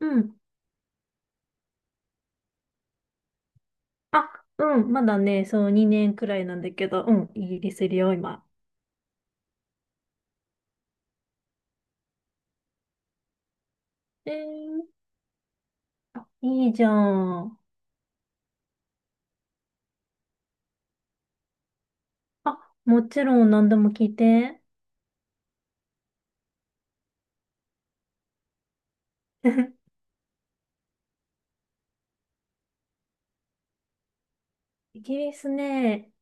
うん。あ、うん。まだね、そう、2年くらいなんだけど、うん。イギリスいるよ、今。えー、あ、いいじゃん。あ、もちろん何でも聞いて。イギリスね、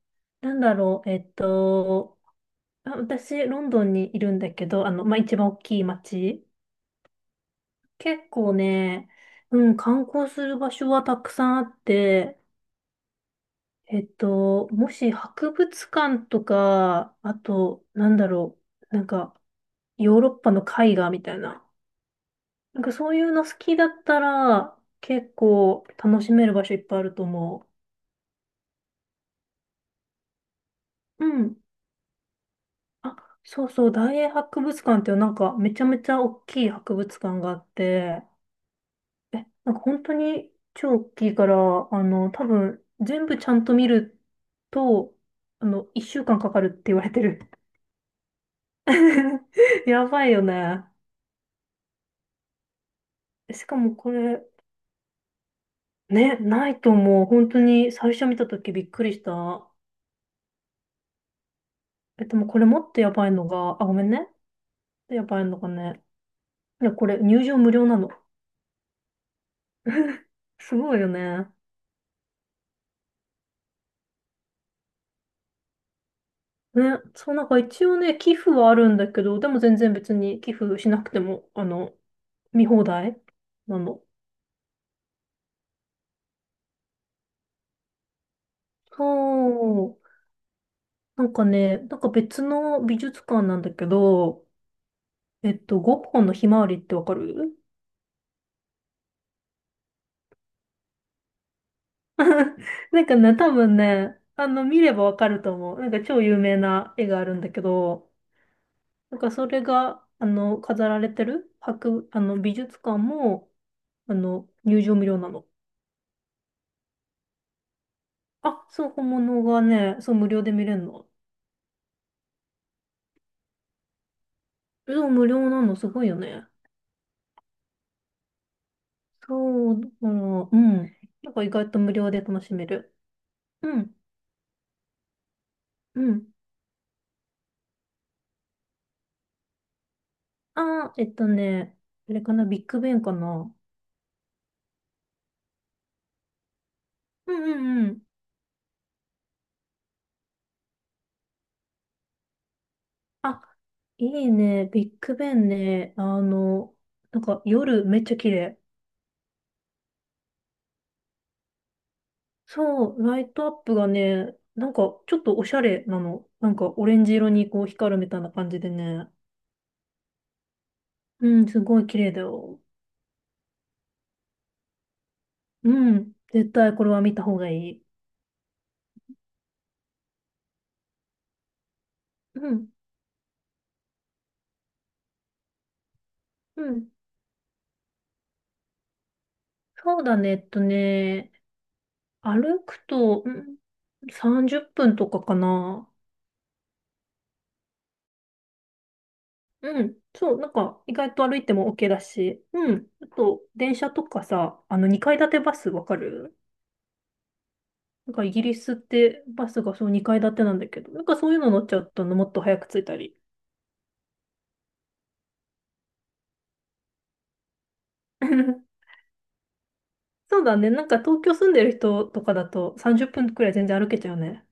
なんだろう、あ私、ロンドンにいるんだけど、まあ、一番大きい街。結構ね、うん、観光する場所はたくさんあって、もし博物館とか、あと、なんだろう、なんか、ヨーロッパの絵画みたいな。なんかそういうの好きだったら、結構楽しめる場所いっぱいあると思う。うん。あ、そうそう、大英博物館っていうなんかめちゃめちゃ大きい博物館があって、え、なんか本当に超大きいから、多分全部ちゃんと見ると、一週間かんかかるって言われてる。やばいよね。しかもこれ、ね、ないと思う。本当に最初見た時びっくりした。え、でもこれもっとやばいのが、あ、ごめんね。やばいのがね。いや、これ入場無料なの。すごいよね。ね、そうなんか一応ね、寄付はあるんだけど、でも全然別に寄付しなくても、見放題なの。そう。なんかね、なんか別の美術館なんだけど、ゴッホのひまわりってわかる？なんかね、多分ね、見ればわかると思う。なんか超有名な絵があるんだけど、なんかそれが、飾られてる美術館も、入場無料なの。あ、そう、本物がね、そう、無料で見れるの。そう、無料なの、すごいよね。そう、だから、うん。なんか意外と無料で楽しめる。うん、うん。あー、えっとね、あれかな、ビッグベンかな。うんうんうん。あ、いいね、ビッグベンね、なんか夜めっちゃ綺麗。そう、ライトアップがね、なんかちょっとおしゃれなの。なんかオレンジ色にこう光るみたいな感じでね。うん、すごい綺麗だよ。うん、絶対これは見た方がいい。うん、うん。そうだね、歩くと、うん、30分とかかな。うん、そう、なんか意外と歩いても OK だし。うん、あと電車とかさ、あの2階建てバスわかる？なんかイギリスってバスがそう2階建てなんだけど、なんかそういうの乗っちゃうともっと早く着いたり。そうだね。なんか東京住んでる人とかだと30分くらい全然歩けちゃうね。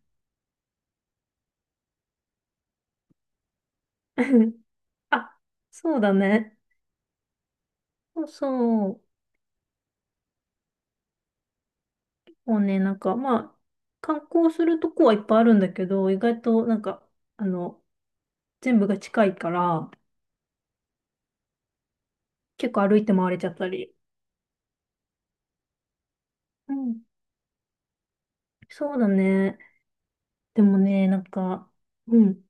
あ、そうだね。そうそう。もうね、なんかまあ、観光するとこはいっぱいあるんだけど、意外となんか、あの、全部が近いから、結構歩いて回れちゃったり。うん。そうだね。でもね、なんか、うん。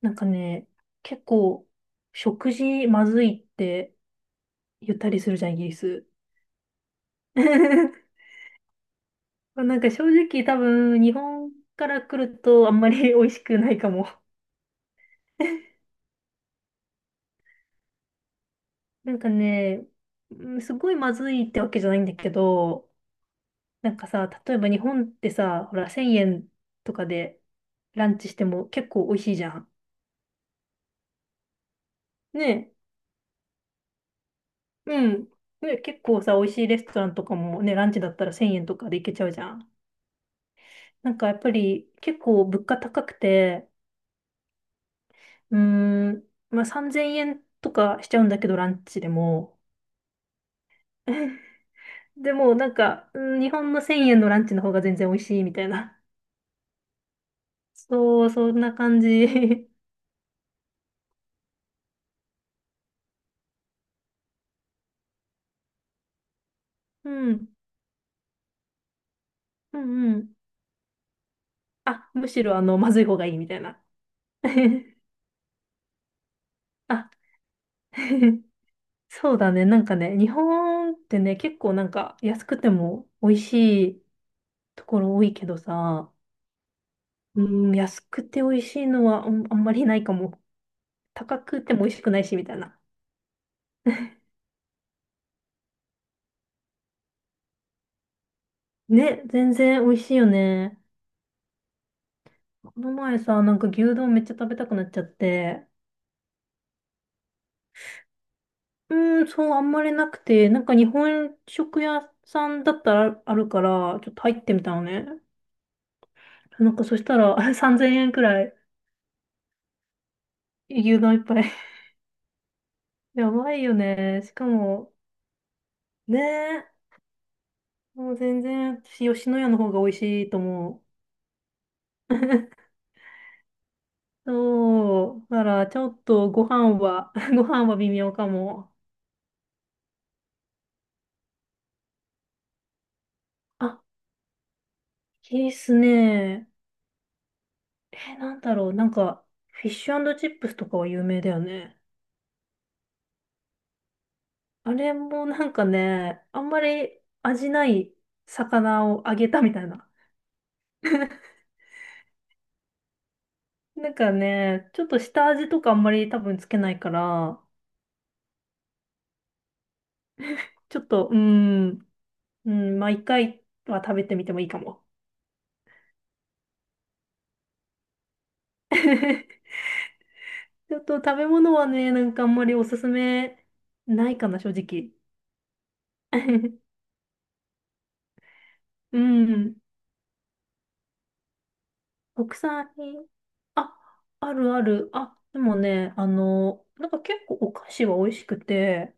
なんかね、結構、食事まずいって言ったりするじゃん、イギリス。なんか正直多分、日本から来るとあんまり 美味しくないかも。なんかね、うんすごいまずいってわけじゃないんだけど、なんかさ、例えば日本ってさ、ほら、1000円とかでランチしても結構美味しいじゃん。ねえ、うん。ね、結構さ、美味しいレストランとかもね、ランチだったら1000円とかで行けちゃうじゃん。なんかやっぱり結構物価高くて、うーん、まあ3000円とかしちゃうんだけど、ランチでも。でもなんか、うん日本の1000円のランチの方が全然美味しいみたいな。そう、そんな感じ。うん、うん、うん。あ、むしろまずい方がいいみたいな。あ、そうだね。なんかね、日本ってね、結構なんか安くても美味しいところ多いけどさ、うん、安くて美味しいのはうんあんまりないかも。高くても美味しくないし、みたいな。ね、全然美味しいよね。この前さ、なんか牛丼めっちゃ食べたくなっちゃって。うーん、そう、あんまりなくて、なんか日本食屋さんだったらあるから、ちょっと入ってみたのね。なんかそしたら、あれ3000円くらい、牛丼一杯。やばいよね。しかも、ねえ、もう全然私、吉野家の方が美味しいと思う。そう、だからちょっとご飯は、ご飯は微妙かも。あ、いいっすね。え、なんだろう、なんか、フィッシュチップスとかは有名だよね。あれもなんかね、あんまり味ない魚を揚げたみたいな。なんかね、ちょっと下味とかあんまり多分つけないから、ちょっと、うーん、うん、まあ一回は食べてみてもいいかも。ちょっと食べ物はね、なんかあんまりおすすめないかな、正直。うん、国産品。あ、あるある。あ、でもね、なんか結構お菓子は美味しくて、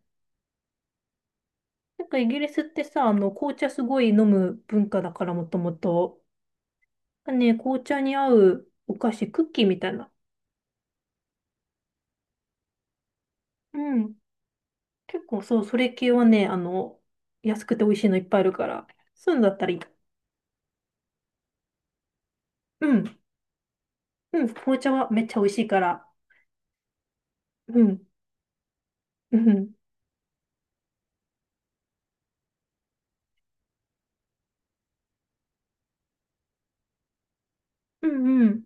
なんかイギリスってさ、紅茶すごい飲む文化だからもともと。ね、紅茶に合うお菓子、クッキーみたいな。うん。結構そう、それ系はね、安くて美味しいのいっぱいあるから、そういうのだったらいい。うん。うん。紅茶はめっちゃ美味しいから。うん。うん。うん。うん。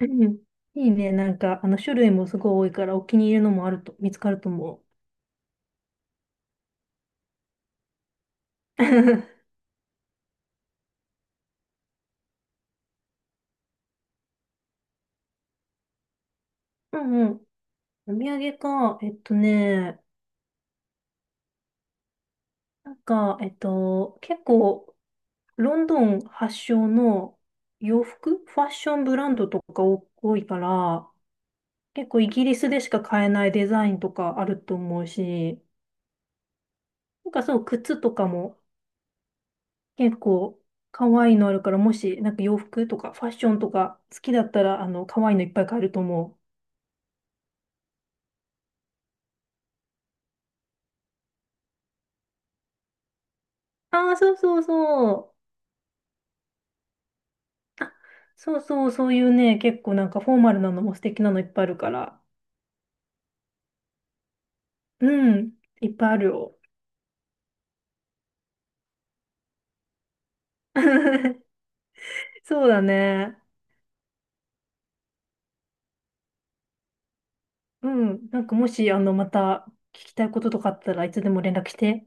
うんいいね。なんか、種類もすごい多いから、お気に入りのもあると、見つかると思う。うんうん。お土産か。なんか、結構、ロンドン発祥の洋服、ファッションブランドとか多いから、結構イギリスでしか買えないデザインとかあると思うし、なんかそう、靴とかも結構可愛いのあるから、もし、なんか洋服とかファッションとか好きだったら、可愛いのいっぱい買えると思う。ああ、そうそうそう。あそうそう、そういうね、結構なんかフォーマルなのも素敵なのいっぱいあるから。うん、いっぱいあるよ。そうだね。うん、なんかもし、また聞きたいこととかあったらいつでも連絡して。